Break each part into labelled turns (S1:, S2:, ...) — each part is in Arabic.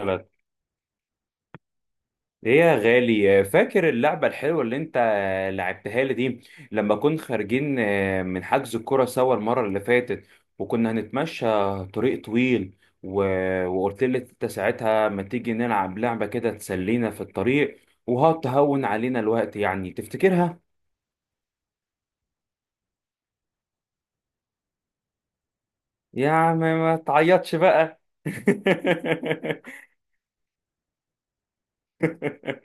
S1: غلط. ايه يا غالي، فاكر اللعبة الحلوة اللي انت لعبتها لي دي لما كنا خارجين من حجز الكرة سوا المرة اللي فاتت، وكنا هنتمشى طريق طويل و... وقلت لي انت ساعتها ما تيجي نلعب لعبة كده تسلينا في الطريق وهتهون علينا الوقت، يعني تفتكرها؟ يا عم ما تعيطش بقى.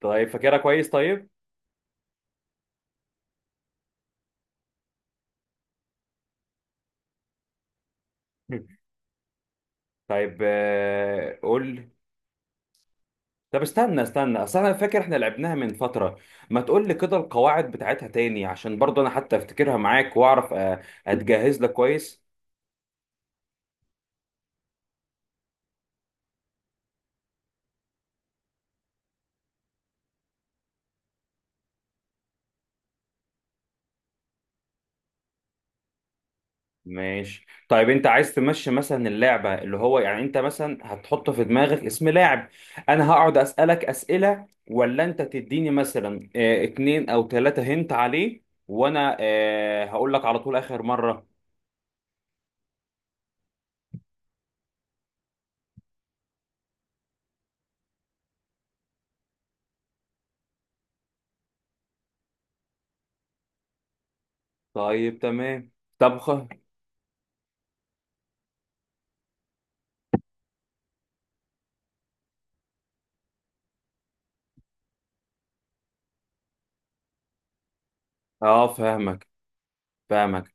S1: طيب، فاكرها كويس طيب؟ طيب قول. طب استنى اصل انا فاكر احنا لعبناها من فترة، ما تقول لي كده القواعد بتاعتها تاني عشان برضه انا حتى افتكرها معاك واعرف اتجهز لك كويس. ماشي طيب، انت عايز تمشي مثلا اللعبة، اللي هو يعني انت مثلا هتحط في دماغك اسم لاعب، انا هقعد اسألك اسئلة، ولا انت تديني مثلا اتنين او تلاتة هنت عليه وانا هقول لك على طول اخر مرة. طيب تمام. طب خ- اه فاهمك، فاهمك.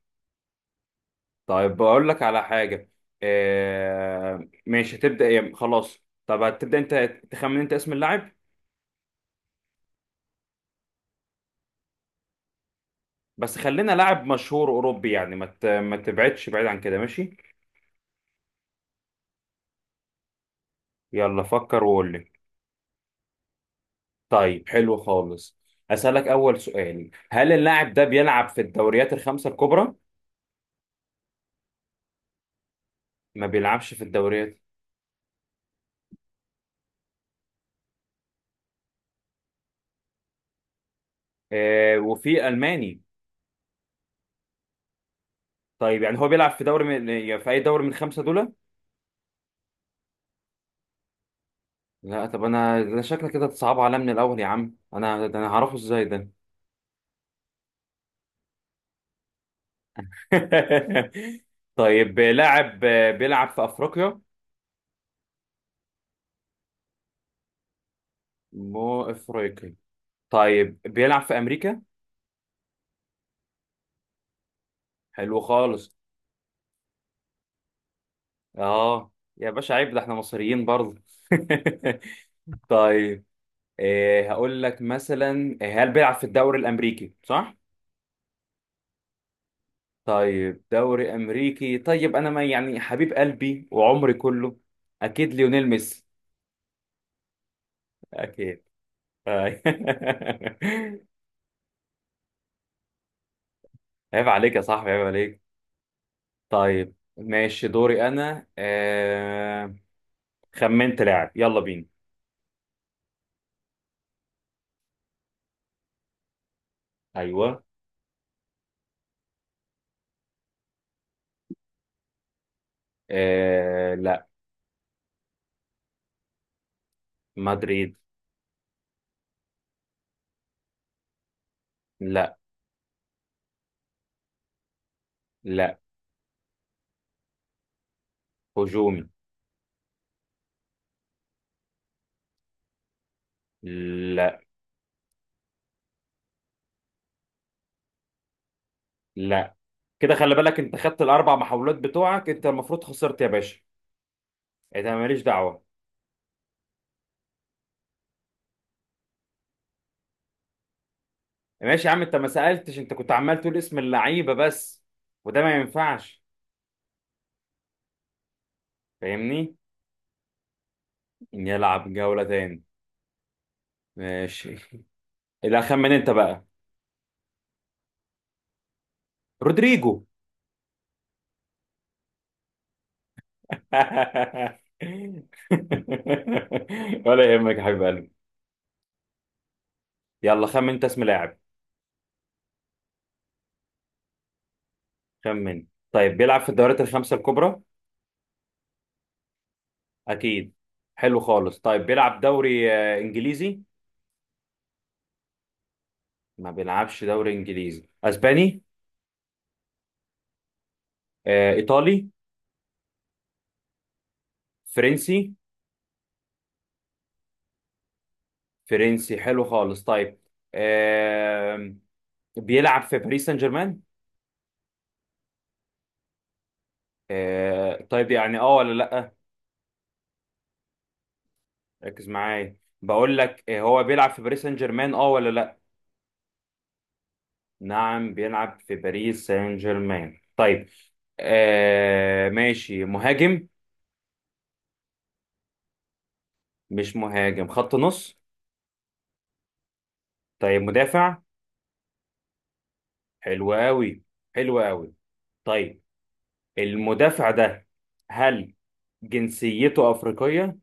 S1: طيب بقول لك على حاجة. آه ماشي، هتبدأ يعني خلاص. طب هتبدأ انت، تخمن انت اسم اللاعب. بس خلينا لاعب مشهور أوروبي يعني ما تبعدش بعيد عن كده، ماشي. يلا فكر وقول لي. طيب حلو خالص. أسألك أول سؤال، هل اللاعب ده بيلعب في الدوريات الخمسة الكبرى؟ ما بيلعبش في الدوريات؟ آه وفي ألماني. طيب يعني هو بيلعب في دوري من، يعني في أي دوري من الخمسة دول؟ لا؟ طب أنا ده شكلك كده تصعب عليا من الأول يا عم، أنا ده أنا هعرفه إزاي ده. طيب لاعب بيلعب في افريقيا؟ مو افريقي. طيب بيلعب في امريكا. حلو خالص. اه يا باشا عيب، ده احنا مصريين برضه. طيب، إيه هقول لك مثلا، هل بيلعب في الدوري الامريكي، صح؟ طيب دوري امريكي، طيب انا ما يعني حبيب قلبي وعمري كله، اكيد ليونيل ميسي. اكيد. طيب. عيب عليك يا صاحبي، عيب. طيب ماشي دوري انا خمنت لاعب، يلا بينا. ايوه. لا. مدريد. لا. لا. هجومي. لا. لا. كده خلي بالك، انت خدت الاربع محاولات بتوعك، انت المفروض خسرت يا باشا، انت ماليش دعوه. ماشي يا عم، انت ما سالتش، انت كنت عمال تقول اسم اللعيبه بس، وده ما ينفعش. فاهمني. نلعب جوله تاني. ماشي. لا، خمن انت بقى. رودريجو. ولا يهمك يا حبيب قلبي. يلا خمن انت اسم لاعب. خمن. طيب، بيلعب في الدوريات الخمسة الكبرى؟ اكيد. حلو خالص. طيب بيلعب دوري انجليزي؟ ما بيلعبش دوري انجليزي. اسباني؟ ايطالي؟ فرنسي؟ فرنسي، حلو خالص. طيب آه، بيلعب في باريس سان جيرمان. طيب يعني اه ولا لا؟ ركز معايا. بقول لك هو بيلعب في باريس سان جيرمان، اه ولا لا؟ نعم، بيلعب في باريس سان جيرمان. طيب آه ماشي، مهاجم؟ مش مهاجم، خط نص؟ طيب مدافع؟ حلو قوي. حلو قوي. طيب المدافع ده، هل جنسيته أفريقية؟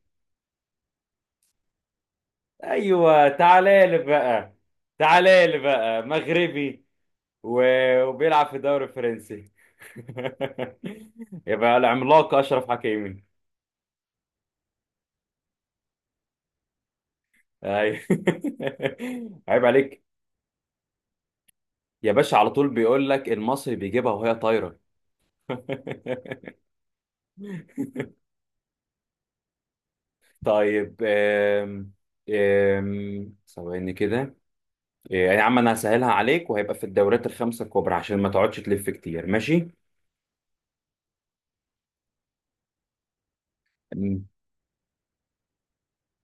S1: ايوه، تعالى لي بقى. تعالى لي بقى، مغربي، وبيلعب في الدوري الفرنسي. يبقى العملاق أشرف حكيمي. أيوة. عيب عليك. يا باشا على طول بيقول لك المصري بيجيبها وهي طايرة. طيب آم، آم، ثواني كده. يا عم انا هسهلها عليك وهيبقى في الدورات الخمسة الكبرى عشان ما تقعدش تلف كتير، ماشي. مم.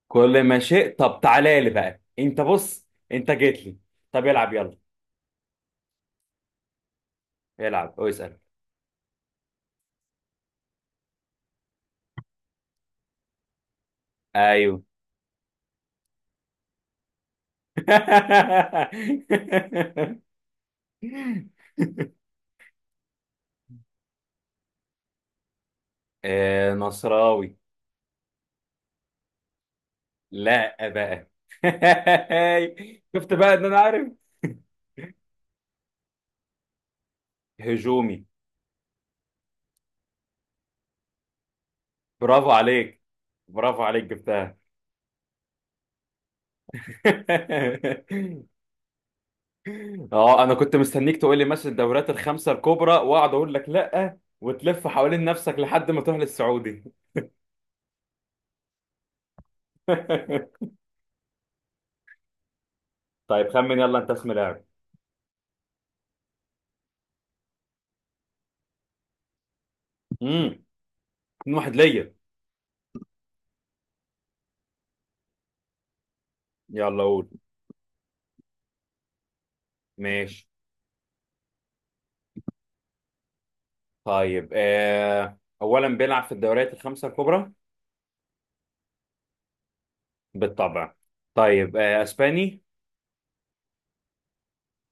S1: كل ما شئت. طب تعالى لي بقى انت، بص انت جيت لي. طب العب يلا. العب اسأل. ايوه. نصراوي. لا بقى. شفت بقى ان انا عارف. هجومي. برافو عليك. برافو عليك، جبتها. اه انا كنت مستنيك تقول لي مثلا الدوريات الخمسه الكبرى واقعد اقول لك لا، وتلف حوالين نفسك لحد ما تروح للسعودي. طيب خمن يلا انت اسم لاعب. امم، اتنين واحد ليا. يلا قول. ماشي. طيب آه اولا، بيلعب في الدوريات الخمسه الكبرى؟ بالطبع. طيب آه اسباني؟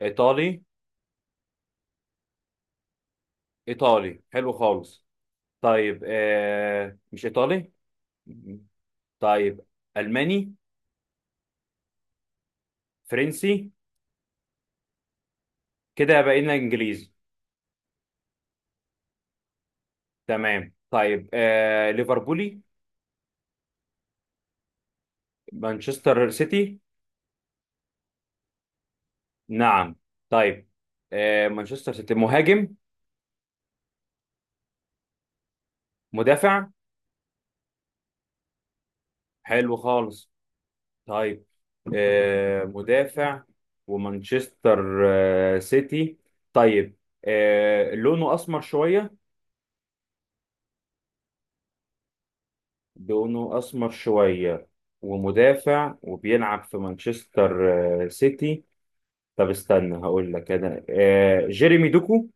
S1: ايطالي؟ ايطالي حلو خالص. طيب آه مش ايطالي. طيب ألماني؟ فرنسي؟ كده بقينا إنجليزي. تمام. طيب آه ليفربولي؟ مانشستر سيتي؟ نعم. طيب آه مانشستر سيتي، مهاجم؟ مدافع؟ حلو خالص. طيب آه مدافع، ومانشستر آه سيتي. طيب آه لونه أسمر شوية؟ لونه أسمر شوية، ومدافع، وبيلعب في مانشستر آه سيتي. طب استنى، هقول لك انا آه جيريمي دوكو.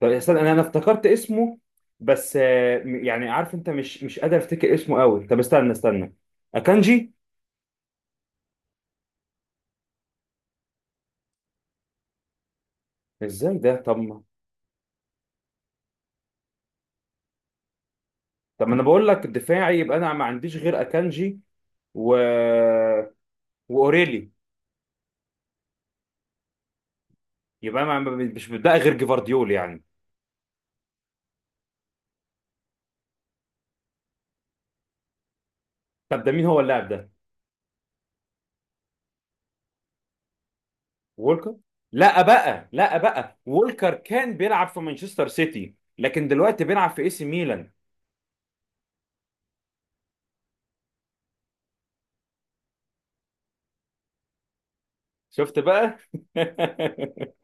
S1: طب استنى، انا افتكرت اسمه بس يعني عارف انت مش قادر افتكر اسمه قوي. طب استنى اكانجي. ازاي ده؟ طب ما طب ما انا بقول لك دفاعي، يبقى انا ما عنديش غير اكانجي و واوريلي. يبقى انا ما- مش بتبقى غير جيفارديول يعني. طب ده مين هو اللاعب ده؟ وولكر. لا بقى، لا بقى، وولكر كان بيلعب في مانشستر سيتي لكن دلوقتي بيلعب في اي سي ميلان. شفت بقى.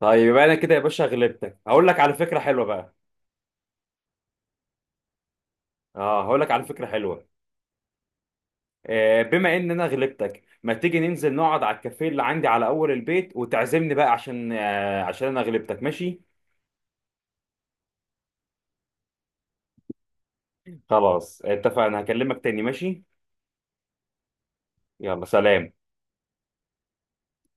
S1: طيب يبقى انا كده يا باشا غلبتك، هقول لك على فكره حلوه بقى. اه هقول لك على فكره حلوه. آه بما ان انا غلبتك، ما تيجي ننزل نقعد على الكافيه اللي عندي على اول البيت وتعزمني بقى عشان آه عشان انا غلبتك، ماشي. خلاص اتفقنا، هكلمك تاني، ماشي. يلا سلام.